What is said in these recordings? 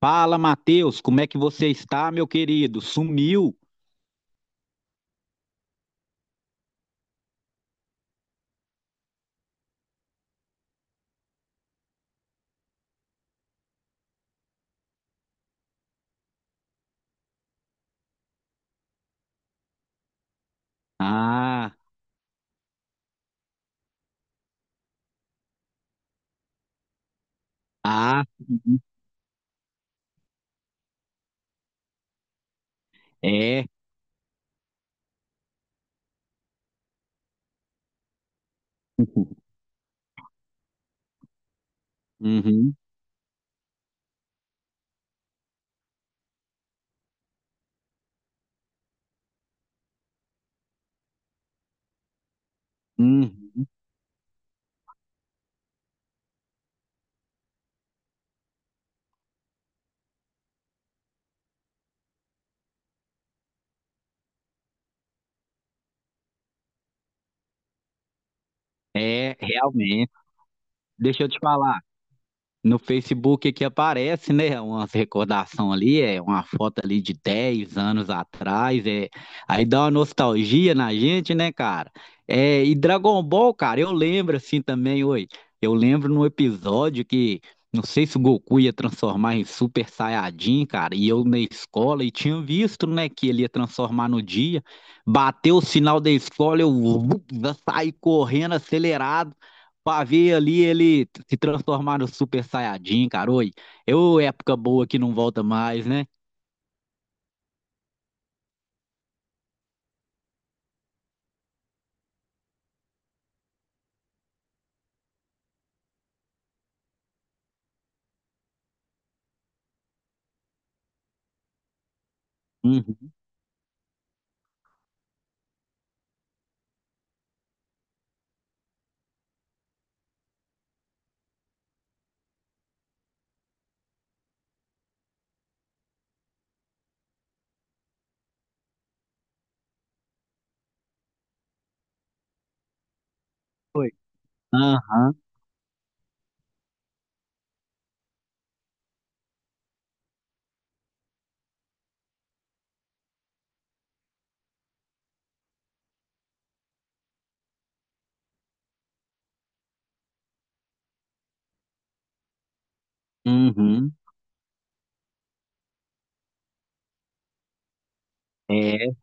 Fala, Matheus, como é que você está, meu querido? Sumiu? Ah, ah, é. Uhum, uhum, é, realmente. Deixa eu te falar. No Facebook que aparece, né, umas recordação ali, é uma foto ali de 10 anos atrás, aí dá uma nostalgia na gente, né, cara? É, e Dragon Ball, cara, eu lembro assim também, oi, eu lembro num episódio que, não sei se o Goku ia transformar em Super Saiyajin, cara, e eu na escola, e tinha visto, né, que ele ia transformar no dia, bateu o sinal da escola, eu, eu saí correndo acelerado, pra ver ali ele se transformar no Super Saiyajin, cara. Oi, eu época boa que não volta mais, né? Uhum. Foi. Aham, uhum. É,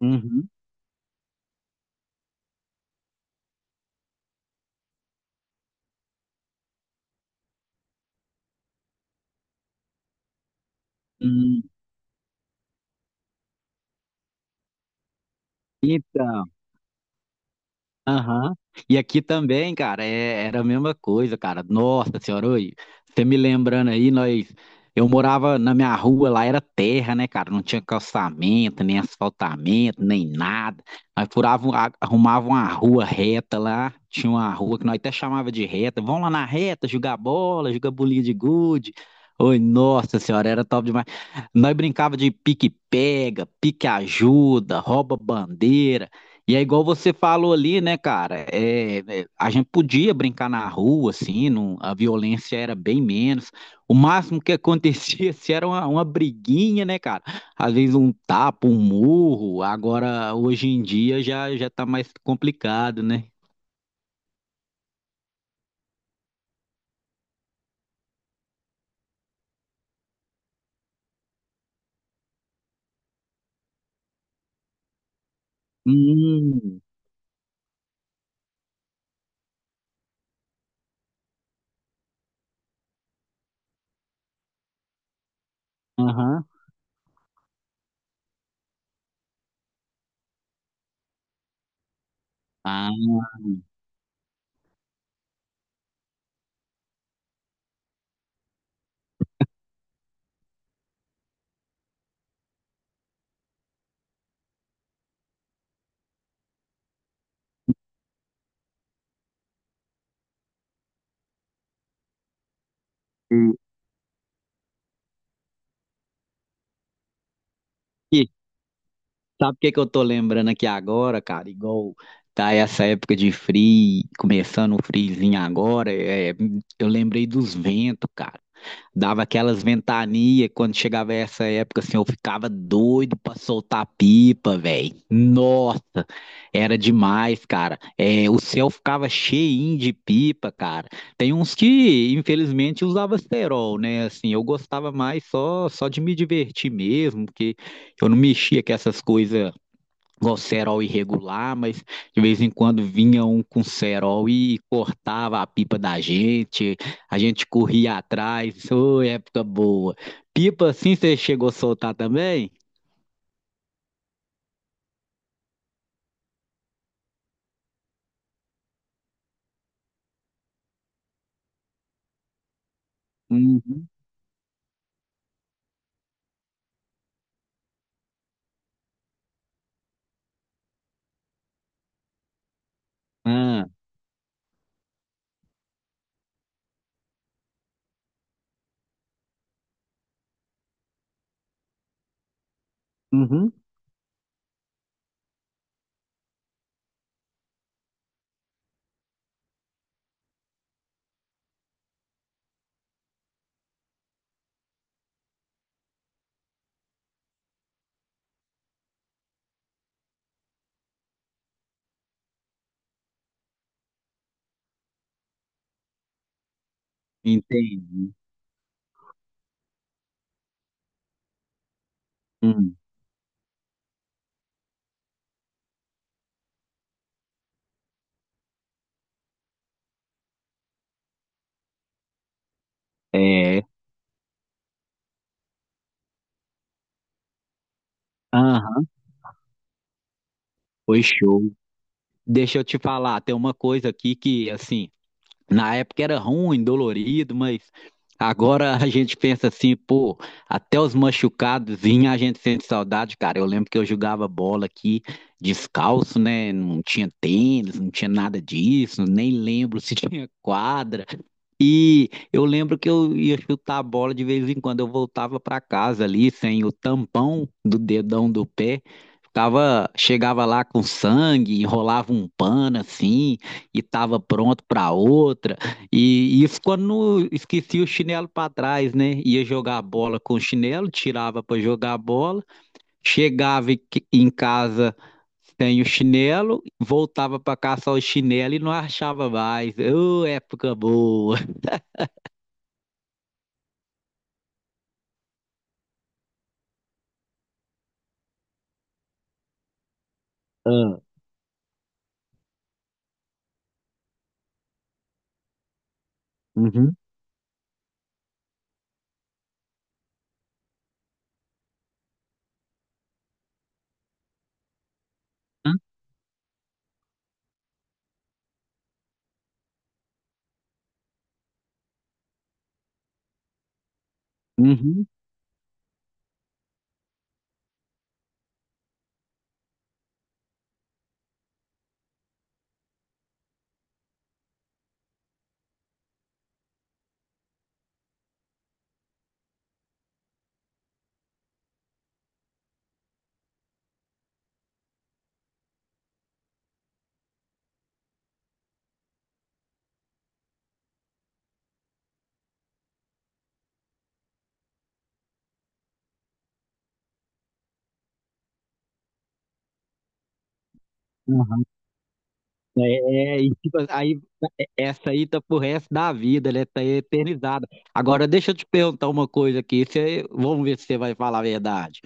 uhum. Hum. Então. Aham. E aqui também, cara, era a mesma coisa, cara. Nossa senhora, oi, você me lembrando aí, nós. Eu morava na minha rua, lá era terra, né, cara? Não tinha calçamento, nem asfaltamento, nem nada. Nós furavam, arrumavam uma rua reta lá. Tinha uma rua que nós até chamava de reta. Vamos lá na reta, jogar bola, jogar bolinha de gude. Oi, nossa senhora, era top demais. Nós brincava de pique-pega, pique-ajuda, rouba-bandeira. E é igual você falou ali, né, cara? É, é, a gente podia brincar na rua, assim, a violência era bem menos. O máximo que acontecia se era uma briguinha, né, cara? Às vezes um tapa, um murro. Agora, hoje em dia, já tá mais complicado, né? Hum, aham. Ah, sabe o que que eu tô lembrando aqui agora, cara? Igual tá essa época de frio, começando o friozinho agora, é, eu lembrei dos ventos, cara. Dava aquelas ventanias, quando chegava essa época, assim, eu ficava doido pra soltar pipa, velho. Nossa, era demais, cara. É, o céu ficava cheinho de pipa, cara. Tem uns que, infelizmente, usava cerol, né? Assim, eu gostava mais só de me divertir mesmo, porque eu não mexia com essas coisas igual cerol irregular, mas de vez em quando vinha um com cerol e cortava a pipa da gente, a gente corria atrás, ô, é época boa. Pipa assim você chegou a soltar também? Uhum. Ah, uhum. Entendi. Hum, É, aham, foi show. Deixa eu te falar, tem uma coisa aqui que, assim, na época era ruim, dolorido, mas agora a gente pensa assim, pô, até os machucados a gente sente saudade, cara. Eu lembro que eu jogava bola aqui descalço, né? Não tinha tênis, não tinha nada disso, nem lembro se tinha quadra. E eu lembro que eu ia chutar a bola de vez em quando, eu voltava para casa ali sem o tampão do dedão do pé, ficava, chegava lá com sangue, enrolava um pano assim e tava pronto para outra. E isso quando não esquecia o chinelo para trás, né? Ia jogar a bola com o chinelo, tirava para jogar a bola, chegava em casa sem o chinelo, voltava para caçar o chinelo e não achava mais. Ô, época boa! Hã. Uhum. Uhum. Aham. É, é, e tipo, aí e essa aí tá pro resto da vida, né? Tá eternizada. Agora, deixa eu te perguntar uma coisa aqui. Você, vamos ver se você vai falar a verdade.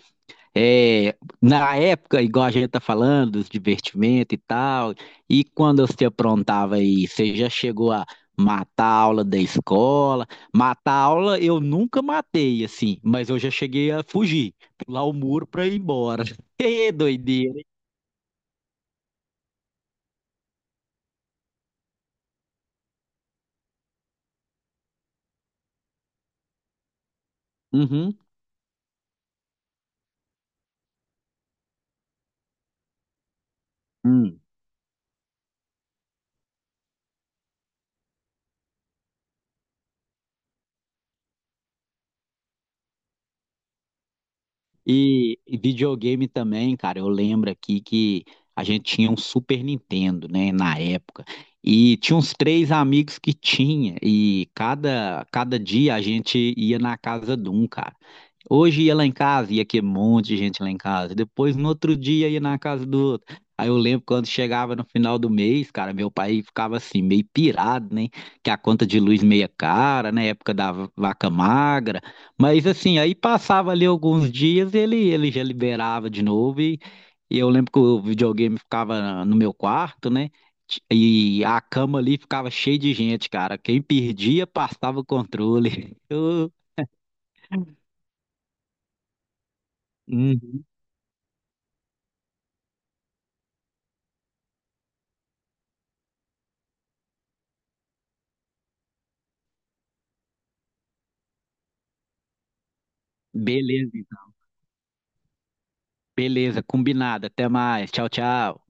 É, na época, igual a gente tá falando, dos divertimentos e tal, e quando você aprontava aí, você já chegou a matar a aula da escola? Matar a aula eu nunca matei, assim, mas eu já cheguei a fugir, pular o muro pra ir embora. Que doideira, hein? Hum. E videogame também, cara. Eu lembro aqui que a gente tinha um Super Nintendo, né, na época. E tinha uns 3 amigos que tinha. E cada dia a gente ia na casa de um, cara. Hoje ia lá em casa, ia que um monte de gente lá em casa. Depois, no outro dia, ia na casa do outro. Aí eu lembro quando chegava no final do mês, cara, meu pai ficava assim, meio pirado, né? Que a conta de luz meia cara, né? Época da vaca magra. Mas assim, aí passava ali alguns dias, ele já liberava de novo. E eu lembro que o videogame ficava no meu quarto, né? E a cama ali ficava cheia de gente, cara. Quem perdia, passava o controle. Eu... Uhum. Beleza, então. Beleza, combinado. Até mais. Tchau, tchau.